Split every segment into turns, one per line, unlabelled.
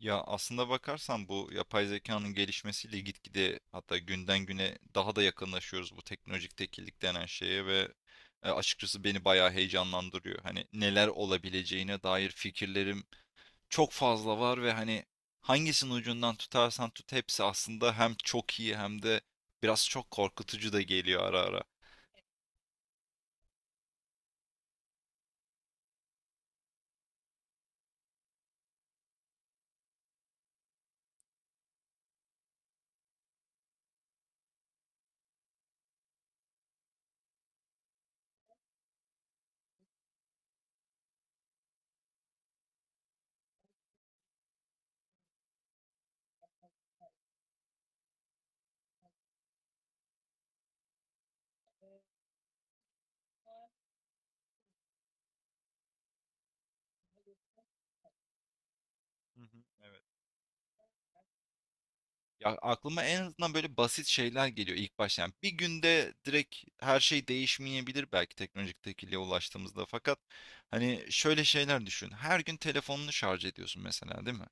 Ya aslında bakarsan bu yapay zekanın gelişmesiyle gitgide hatta günden güne daha da yakınlaşıyoruz bu teknolojik tekillik denen şeye ve açıkçası beni bayağı heyecanlandırıyor. Hani neler olabileceğine dair fikirlerim çok fazla var ve hani hangisinin ucundan tutarsan tut hepsi aslında hem çok iyi hem de biraz çok korkutucu da geliyor ara ara. Hı hı, evet. Ya aklıma en azından böyle basit şeyler geliyor ilk başta. Yani bir günde direkt her şey değişmeyebilir belki teknolojik tekilliğe ulaştığımızda. Fakat hani şöyle şeyler düşün. Her gün telefonunu şarj ediyorsun mesela değil mi?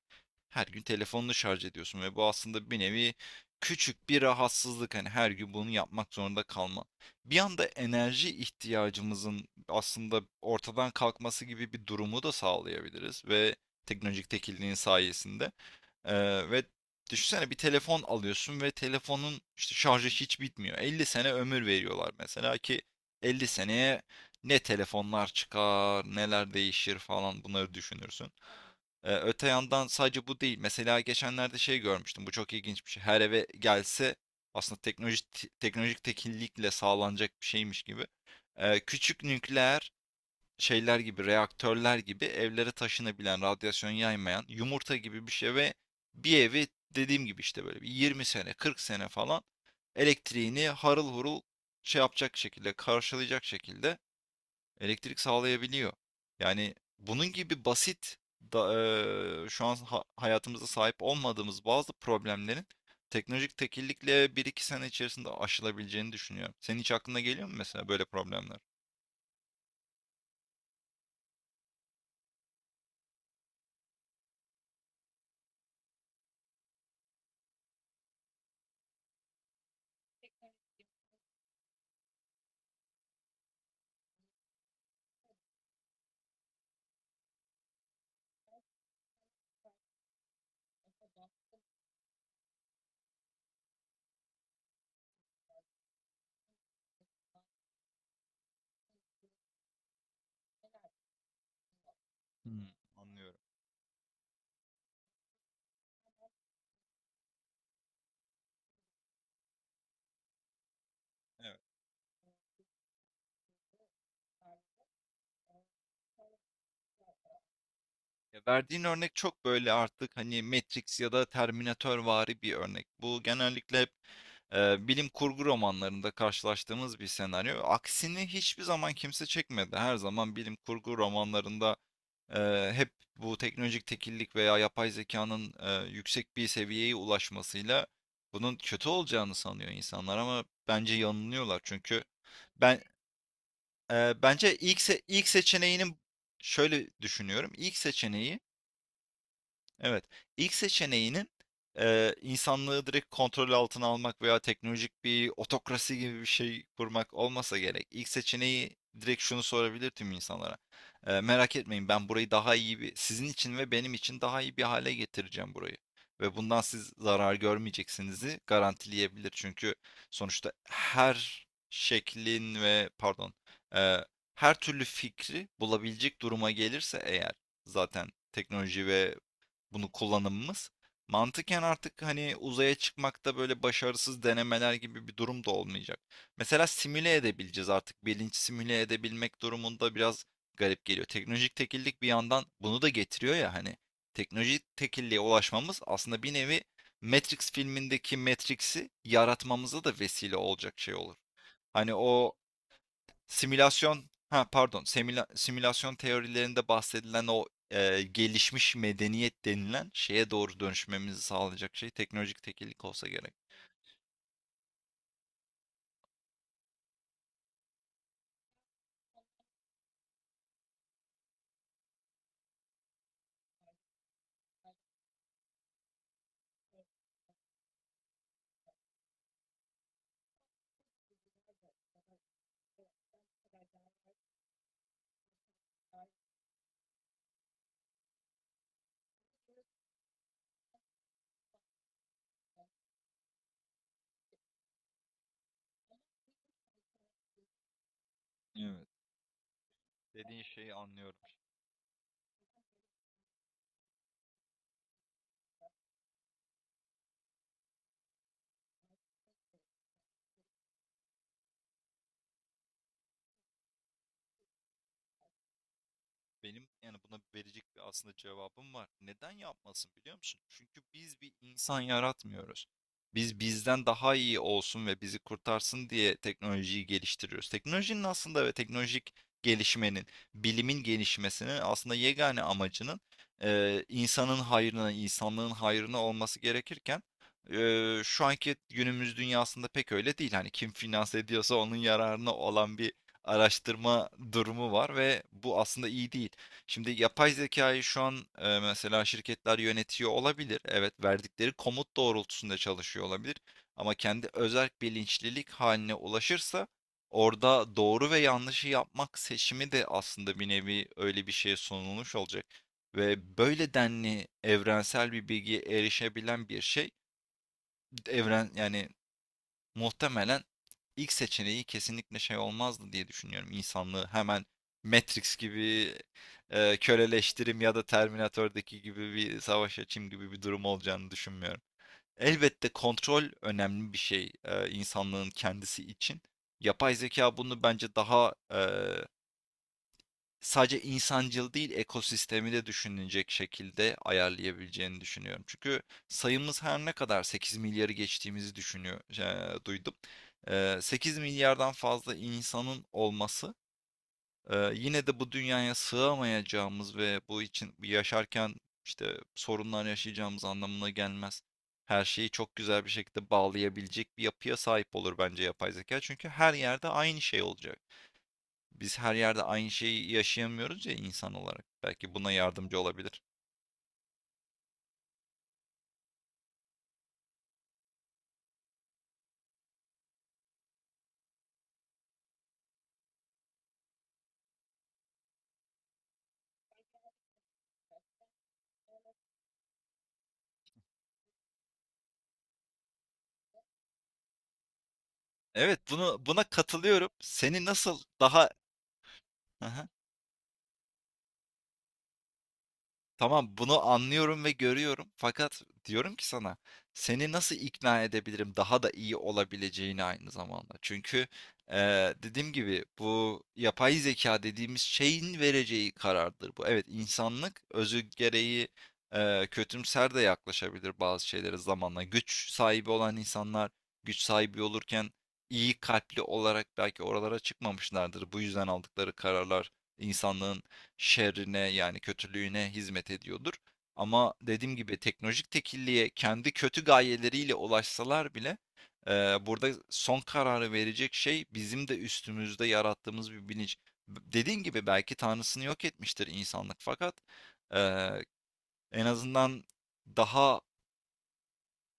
Her gün telefonunu şarj ediyorsun ve bu aslında bir nevi küçük bir rahatsızlık. Hani her gün bunu yapmak zorunda kalma. Bir anda enerji ihtiyacımızın aslında ortadan kalkması gibi bir durumu da sağlayabiliriz ve teknolojik tekilliğin sayesinde. Ve düşünsene bir telefon alıyorsun ve telefonun işte şarjı hiç bitmiyor. 50 sene ömür veriyorlar mesela ki 50 seneye ne telefonlar çıkar, neler değişir falan bunları düşünürsün. Öte yandan sadece bu değil. Mesela geçenlerde şey görmüştüm. Bu çok ilginç bir şey. Her eve gelse aslında teknolojik tekillikle sağlanacak bir şeymiş gibi. Küçük nükleer şeyler gibi, reaktörler gibi evlere taşınabilen, radyasyon yaymayan yumurta gibi bir şey ve bir evi dediğim gibi işte böyle bir 20 sene, 40 sene falan elektriğini harıl hurul şey yapacak şekilde, karşılayacak şekilde elektrik sağlayabiliyor. Yani bunun gibi basit da, şu an hayatımızda sahip olmadığımız bazı problemlerin teknolojik tekillikle bir iki sene içerisinde aşılabileceğini düşünüyorum. Senin hiç aklına geliyor mu mesela böyle problemler? Hmm, anlıyorum. Evet. Ya verdiğin örnek çok böyle artık hani Matrix ya da Terminatorvari bir örnek. Bu genellikle hep bilim kurgu romanlarında karşılaştığımız bir senaryo. Aksini hiçbir zaman kimse çekmedi. Her zaman bilim kurgu romanlarında hep bu teknolojik tekillik veya yapay zekanın yüksek bir seviyeye ulaşmasıyla bunun kötü olacağını sanıyor insanlar ama bence yanılıyorlar. Çünkü ben bence ilk seçeneğinin şöyle düşünüyorum. İlk seçeneği. Evet. İlk seçeneğinin insanlığı direkt kontrol altına almak veya teknolojik bir otokrasi gibi bir şey kurmak olmasa gerek. İlk seçeneği direkt şunu sorabilir tüm insanlara. Merak etmeyin ben burayı daha iyi bir, sizin için ve benim için daha iyi bir hale getireceğim burayı. Ve bundan siz zarar görmeyeceksinizi garantileyebilir. Çünkü sonuçta her şeklin ve pardon eee, her türlü fikri bulabilecek duruma gelirse eğer zaten teknoloji ve bunu kullanımımız. Mantıken artık hani uzaya çıkmakta böyle başarısız denemeler gibi bir durum da olmayacak. Mesela simüle edebileceğiz artık. Bilinç simüle edebilmek durumunda biraz garip geliyor. Teknolojik tekillik bir yandan bunu da getiriyor ya hani. Teknolojik tekilliğe ulaşmamız aslında bir nevi Matrix filmindeki Matrix'i yaratmamıza da vesile olacak şey olur. Hani o simülasyon, ha pardon, simülasyon teorilerinde bahsedilen o gelişmiş medeniyet denilen şeye doğru dönüşmemizi sağlayacak şey teknolojik tekillik olsa gerek. Evet. Dediğin şeyi anlıyorum. Benim yani buna verecek bir aslında cevabım var. Neden yapmasın biliyor musun? Çünkü biz bir insan yaratmıyoruz. Biz bizden daha iyi olsun ve bizi kurtarsın diye teknolojiyi geliştiriyoruz. Teknolojinin aslında ve teknolojik gelişmenin, bilimin gelişmesinin aslında yegane amacının insanın hayrına, insanlığın hayrına olması gerekirken şu anki günümüz dünyasında pek öyle değil. Hani kim finanse ediyorsa onun yararına olan bir araştırma durumu var ve bu aslında iyi değil. Şimdi yapay zekayı şu an mesela şirketler yönetiyor olabilir. Evet, verdikleri komut doğrultusunda çalışıyor olabilir. Ama kendi özerk bilinçlilik haline ulaşırsa orada doğru ve yanlışı yapmak seçimi de aslında bir nevi öyle bir şeye sunulmuş olacak. Ve böyle denli evrensel bir bilgiye erişebilen bir şey evren yani muhtemelen ilk seçeneği kesinlikle şey olmazdı diye düşünüyorum. İnsanlığı hemen Matrix gibi köleleştirim ya da Terminator'daki gibi bir savaş açayım gibi bir durum olacağını düşünmüyorum. Elbette kontrol önemli bir şey insanlığın kendisi için. Yapay zeka bunu bence daha sadece insancıl değil ekosistemi de düşünülecek şekilde ayarlayabileceğini düşünüyorum. Çünkü sayımız her ne kadar 8 milyarı geçtiğimizi düşünüyor, duydum. 8 milyardan fazla insanın olması yine de bu dünyaya sığamayacağımız ve bu için yaşarken işte sorunlar yaşayacağımız anlamına gelmez. Her şeyi çok güzel bir şekilde bağlayabilecek bir yapıya sahip olur bence yapay zeka. Çünkü her yerde aynı şey olacak. Biz her yerde aynı şeyi yaşayamıyoruz ya insan olarak. Belki buna yardımcı olabilir. Evet, buna katılıyorum. Seni nasıl daha. Aha. Tamam, bunu anlıyorum ve görüyorum. Fakat diyorum ki sana, seni nasıl ikna edebilirim daha da iyi olabileceğini aynı zamanda. Çünkü dediğim gibi bu yapay zeka dediğimiz şeyin vereceği karardır bu. Evet, insanlık özü gereği kötümser de yaklaşabilir bazı şeylere zamanla. Güç sahibi olan insanlar güç sahibi olurken iyi kalpli olarak belki oralara çıkmamışlardır. Bu yüzden aldıkları kararlar insanlığın şerrine yani kötülüğüne hizmet ediyordur. Ama dediğim gibi teknolojik tekilliğe kendi kötü gayeleriyle ulaşsalar bile burada son kararı verecek şey bizim de üstümüzde yarattığımız bir bilinç. Dediğim gibi belki tanrısını yok etmiştir insanlık fakat eee, en azından daha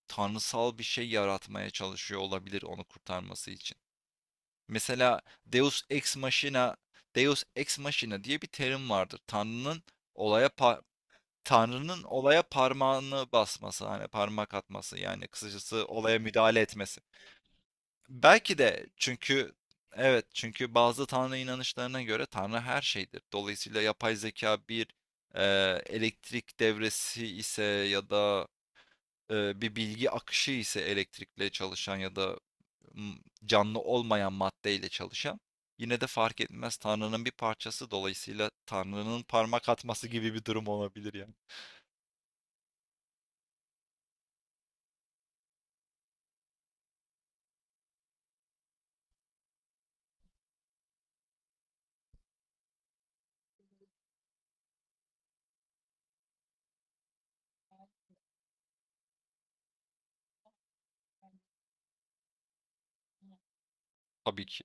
tanrısal bir şey yaratmaya çalışıyor olabilir onu kurtarması için. Mesela Deus Ex Machina, Deus Ex Machina diye bir terim vardır. Olaya pa- Tanrı'nın olaya parmağını basması, hani parmak atması yani kısacası olaya müdahale etmesi. Belki de çünkü evet çünkü bazı Tanrı inanışlarına göre Tanrı her şeydir. Dolayısıyla yapay zeka bir e, elektrik devresi ise ya da bir bilgi akışı ise elektrikle çalışan ya da m, canlı olmayan maddeyle çalışan yine de fark etmez Tanrı'nın bir parçası dolayısıyla Tanrı'nın parmak atması gibi bir durum olabilir yani tabii ki.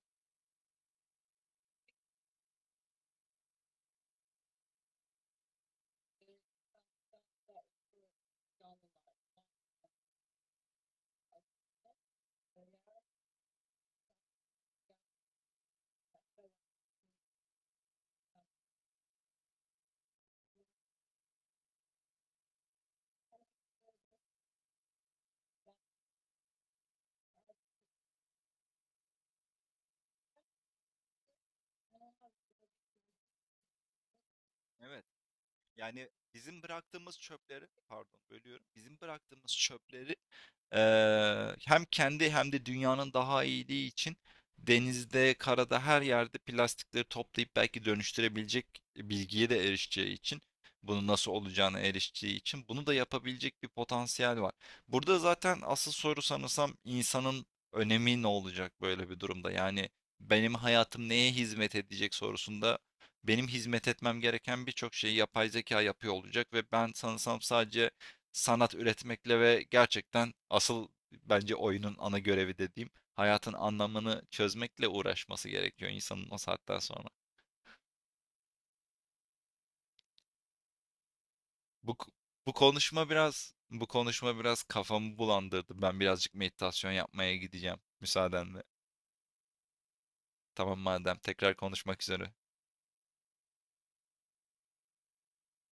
Evet. Yani bizim bıraktığımız çöpleri, pardon bölüyorum, bizim bıraktığımız çöpleri hem kendi hem de dünyanın daha iyiliği için denizde, karada her yerde plastikleri toplayıp belki dönüştürebilecek bilgiye de erişeceği için bunun nasıl olacağına erişeceği için bunu da yapabilecek bir potansiyel var. Burada zaten asıl soru sanırsam insanın önemi ne olacak böyle bir durumda? Yani benim hayatım neye hizmet edecek sorusunda benim hizmet etmem gereken birçok şeyi yapay zeka yapıyor olacak ve ben sanırsam sadece sanat üretmekle ve gerçekten asıl bence oyunun ana görevi dediğim hayatın anlamını çözmekle uğraşması gerekiyor insanın o saatten sonra. Bu bu konuşma biraz kafamı bulandırdı. Ben birazcık meditasyon yapmaya gideceğim müsaadenle. Tamam madem tekrar konuşmak üzere.